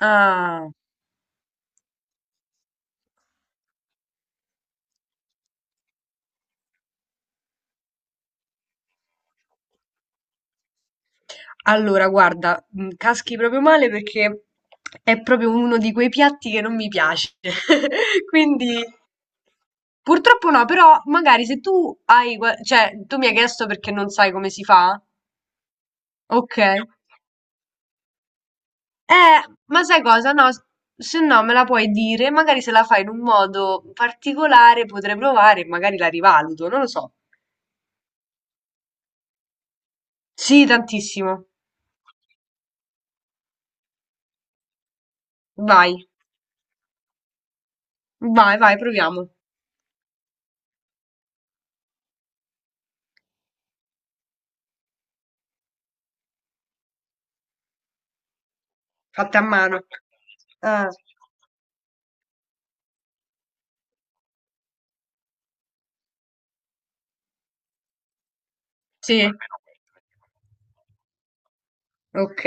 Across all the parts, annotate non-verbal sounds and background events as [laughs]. Ah, allora guarda, caschi proprio male perché è proprio uno di quei piatti che non mi piace. [laughs] Quindi purtroppo no, però magari se tu hai, cioè tu mi hai chiesto perché non sai come si fa? Ok. Ma sai cosa? Se no me la puoi dire, magari se la fai in un modo particolare potrei provare e magari la rivaluto, non lo so. Sì, tantissimo. Vai, vai, vai, proviamo. Fatta a mano. Ah. Sì, ok,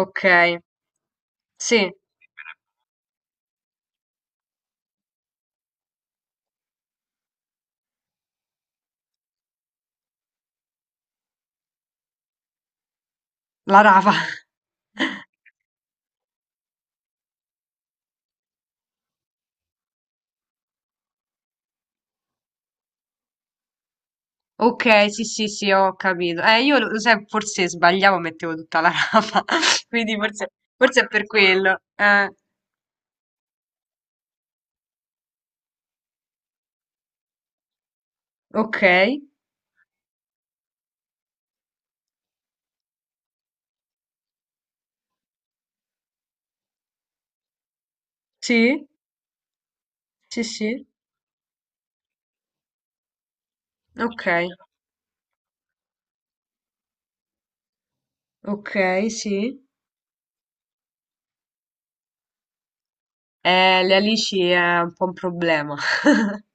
ok, sì, la rapa. Ok, sì, sì, sì, ho capito. Io lo sai, forse sbagliavo, mettevo tutta la rapa, [laughs] quindi forse è per quello. Ok, sì, sì, sì, ok, ok, sì. Le alici è un po' un problema. [laughs]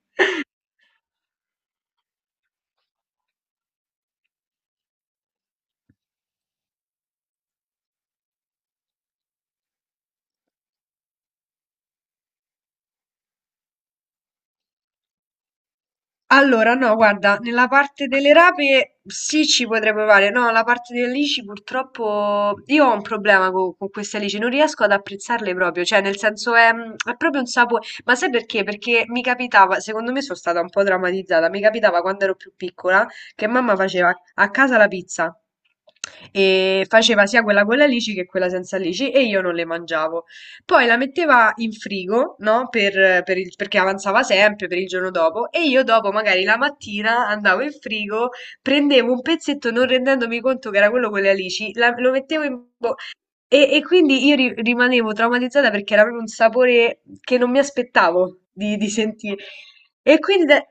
Allora, no, guarda, nella parte delle rape sì ci potrei provare, no, la parte delle alici purtroppo io ho un problema con, queste alici, non riesco ad apprezzarle proprio, cioè nel senso è proprio un sapore, ma sai perché? Perché mi capitava, secondo me sono stata un po' traumatizzata, mi capitava quando ero più piccola che mamma faceva a casa la pizza e faceva sia quella con le alici che quella senza alici e io non le mangiavo. Poi la metteva in frigo, no? Perché avanzava sempre per il giorno dopo e io dopo magari la mattina andavo in frigo, prendevo un pezzetto non rendendomi conto che era quello con le alici, lo mettevo in bocca e quindi io rimanevo traumatizzata perché era proprio un sapore che non mi aspettavo di sentire. E quindi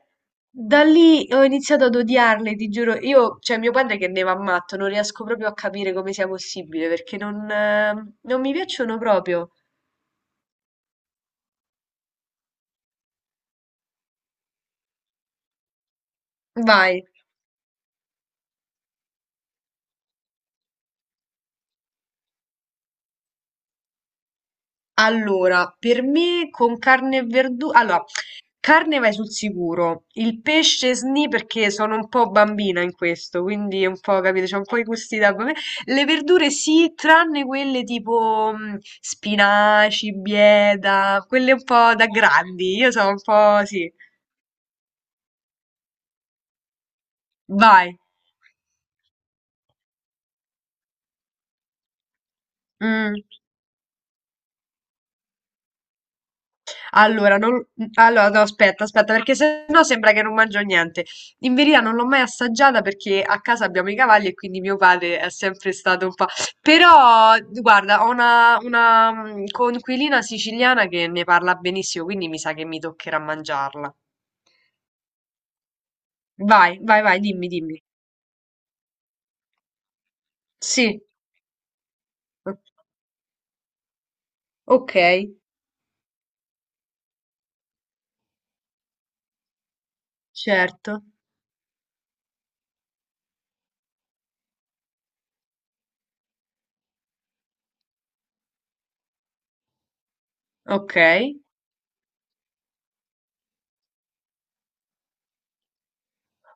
da lì ho iniziato ad odiarle, ti giuro. Io, cioè mio padre che ne va matto, non riesco proprio a capire come sia possibile perché non mi piacciono proprio. Vai. Allora, per me con carne e verdura. Allora, carne vai sul sicuro. Il pesce sni perché sono un po' bambina in questo, quindi è un po', capito, c'ho un po' i gusti da bambina. Le verdure sì, tranne quelle tipo spinaci, bieta, quelle un po' da grandi. Io sono un po' sì. Vai. Mm. Allora, non- allora, no, aspetta, aspetta, perché sennò sembra che non mangio niente. In verità non l'ho mai assaggiata perché a casa abbiamo i cavalli e quindi mio padre è sempre stato un po'. Però, guarda, ho una coinquilina siciliana che ne parla benissimo, quindi mi sa che mi toccherà mangiarla. Vai, vai, vai, dimmi, dimmi. Sì, ok, certo, ok.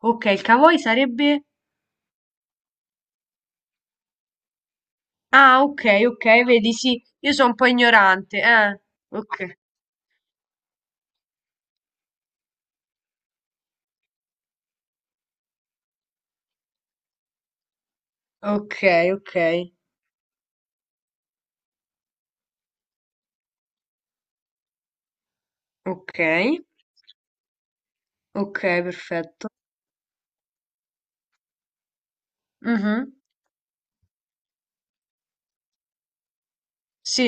Ok, il cavoi sarebbe? Ah, ok, ok, vedi, sì, io sono un po' ignorante, eh. Ok. Ok, ok, ok, ok, perfetto. Mhm. Sì,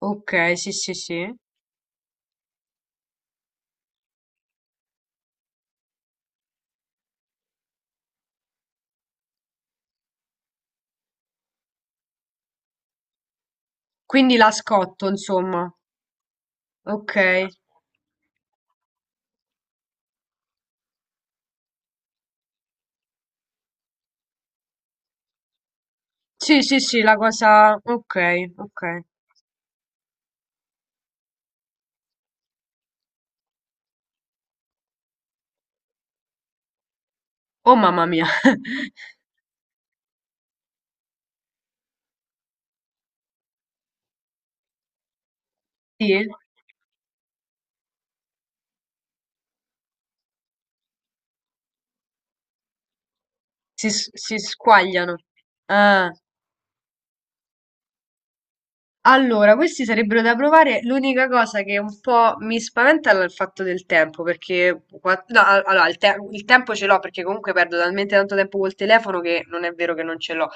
ok, sì, sì, sì. Quindi la scotto, insomma. Ok. Sì, sì, sì, la cosa. Ok, ok. Oh, mamma mia. [laughs] Sì, si squagliano. Ah. Allora, questi sarebbero da provare. L'unica cosa che un po' mi spaventa è il fatto del tempo, perché qua- no, a- allora, il tempo ce l'ho perché comunque perdo talmente tanto tempo col telefono che non è vero che non ce l'ho.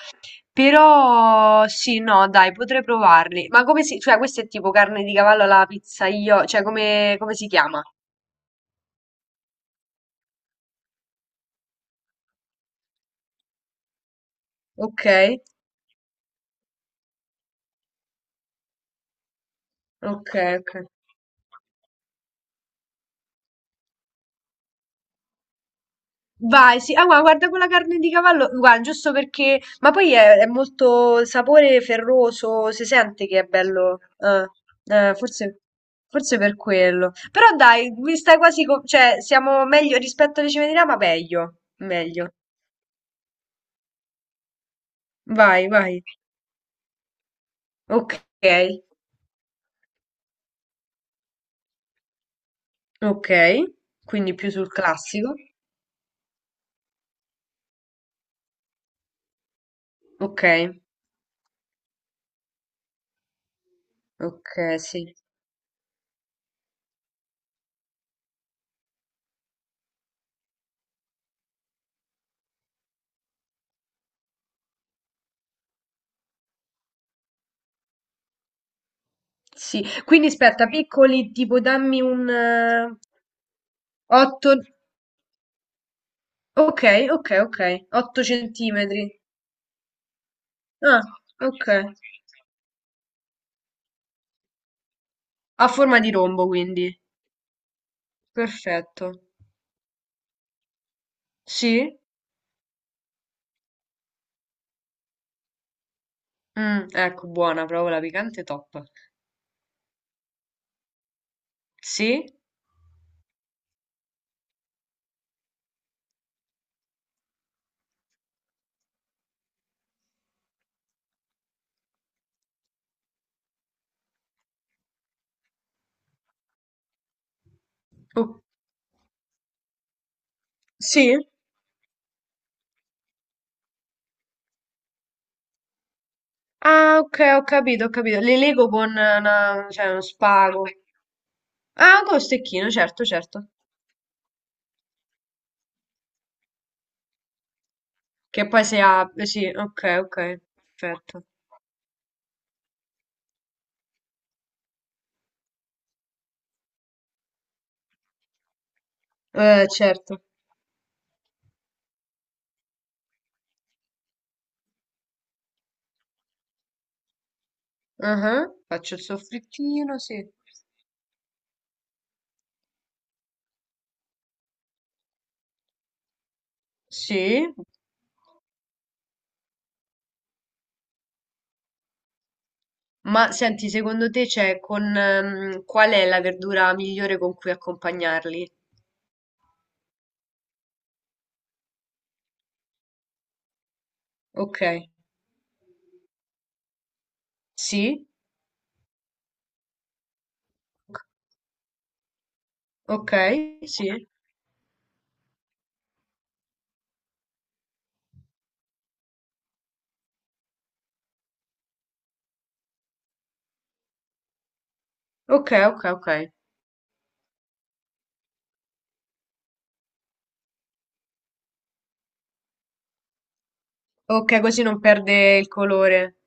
Però sì, no, dai, potrei provarli. Ma come si, cioè, questo è tipo carne di cavallo alla pizza io, cioè come, come si chiama? Ok, ok, ok. Vai, sì, ah, guarda quella carne di cavallo, guarda, giusto perché, ma poi è molto sapore ferroso, si sente che è bello, eh, forse, forse per quello. Però dai, mi stai quasi, cioè, siamo meglio rispetto alle cime di Rama, meglio, meglio. Vai, vai, ok, ok, quindi più sul classico, ok, ok, sì, sì. Quindi aspetta, piccoli, tipo dammi un 8, okay, okay, okay. 8 centimetri. Ah, okay. Ha forma di rombo quindi. Perfetto. Sì? Ecco buona, proprio la piccante top. Sì? O sì? Ah okay, ho capito, ho capito. Le lego con una cioè uno spago. Ah, con lo stecchino, certo, certo. Che poi si apre, sì, okay, okay, perfetto. Certo. Ah-ah. Faccio il soffrittino, sì. Sì. Ma senti, secondo te c'è con qual è la verdura migliore con cui accompagnarli? Ok, sì, ok, sì, ok, ok, ok. Ok, così non perde il colore.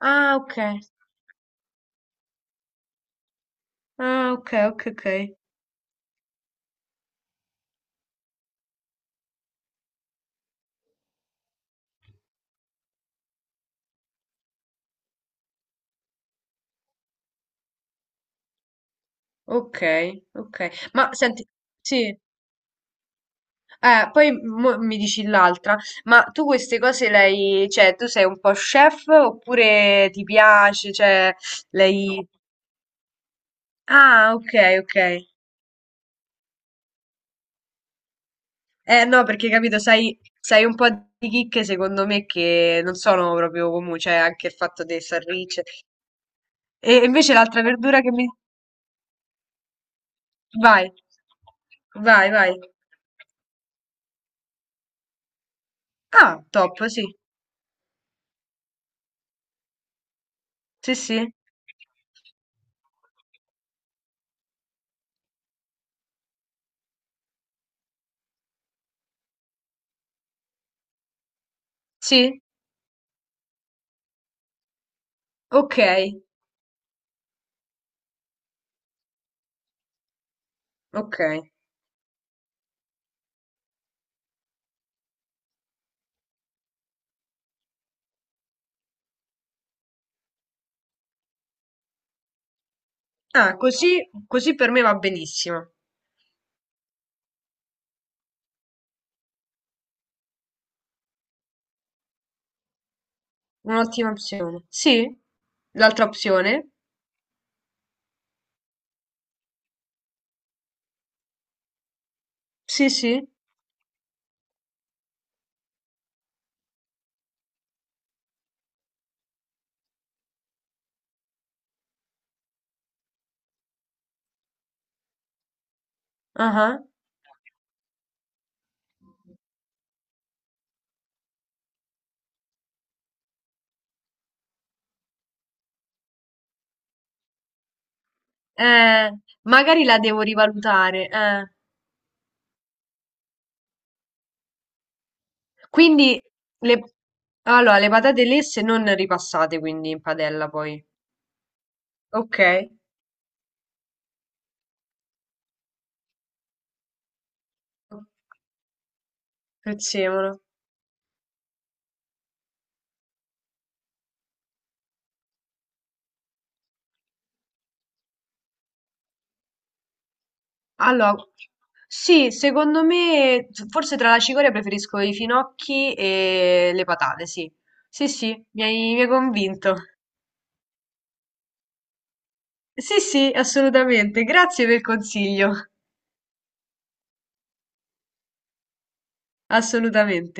Ah, ok. Ah, ok, ok, ok. Ok, ok. Ma senti, sì, poi mo mi dici l'altra, ma tu queste cose le hai, cioè, tu sei un po' chef oppure ti piace, cioè, lei. Ah, ok, ok. Eh no, perché capito, sai un po' di chicche secondo me che non sono proprio comuni, cioè anche il fatto dei sarricce. E invece l'altra verdura che mi. Vai, vai, vai. Ah, top, sì. Sì, sì. Sì, ok, ok. Ah, così, così per me va benissimo. Un'ottima opzione. Sì, l'altra opzione. Sì, sì. Ah, ah. Eh, magari la devo rivalutare. Quindi le, allora, le patate lesse non ripassate quindi in padella poi. Ok, prezzemolo. Allora, sì, secondo me forse tra la cicoria preferisco i finocchi e le patate, sì. Sì, sì, mi hai convinto. Sì, sì, assolutamente. Grazie per il consiglio. [laughs] Assolutamente.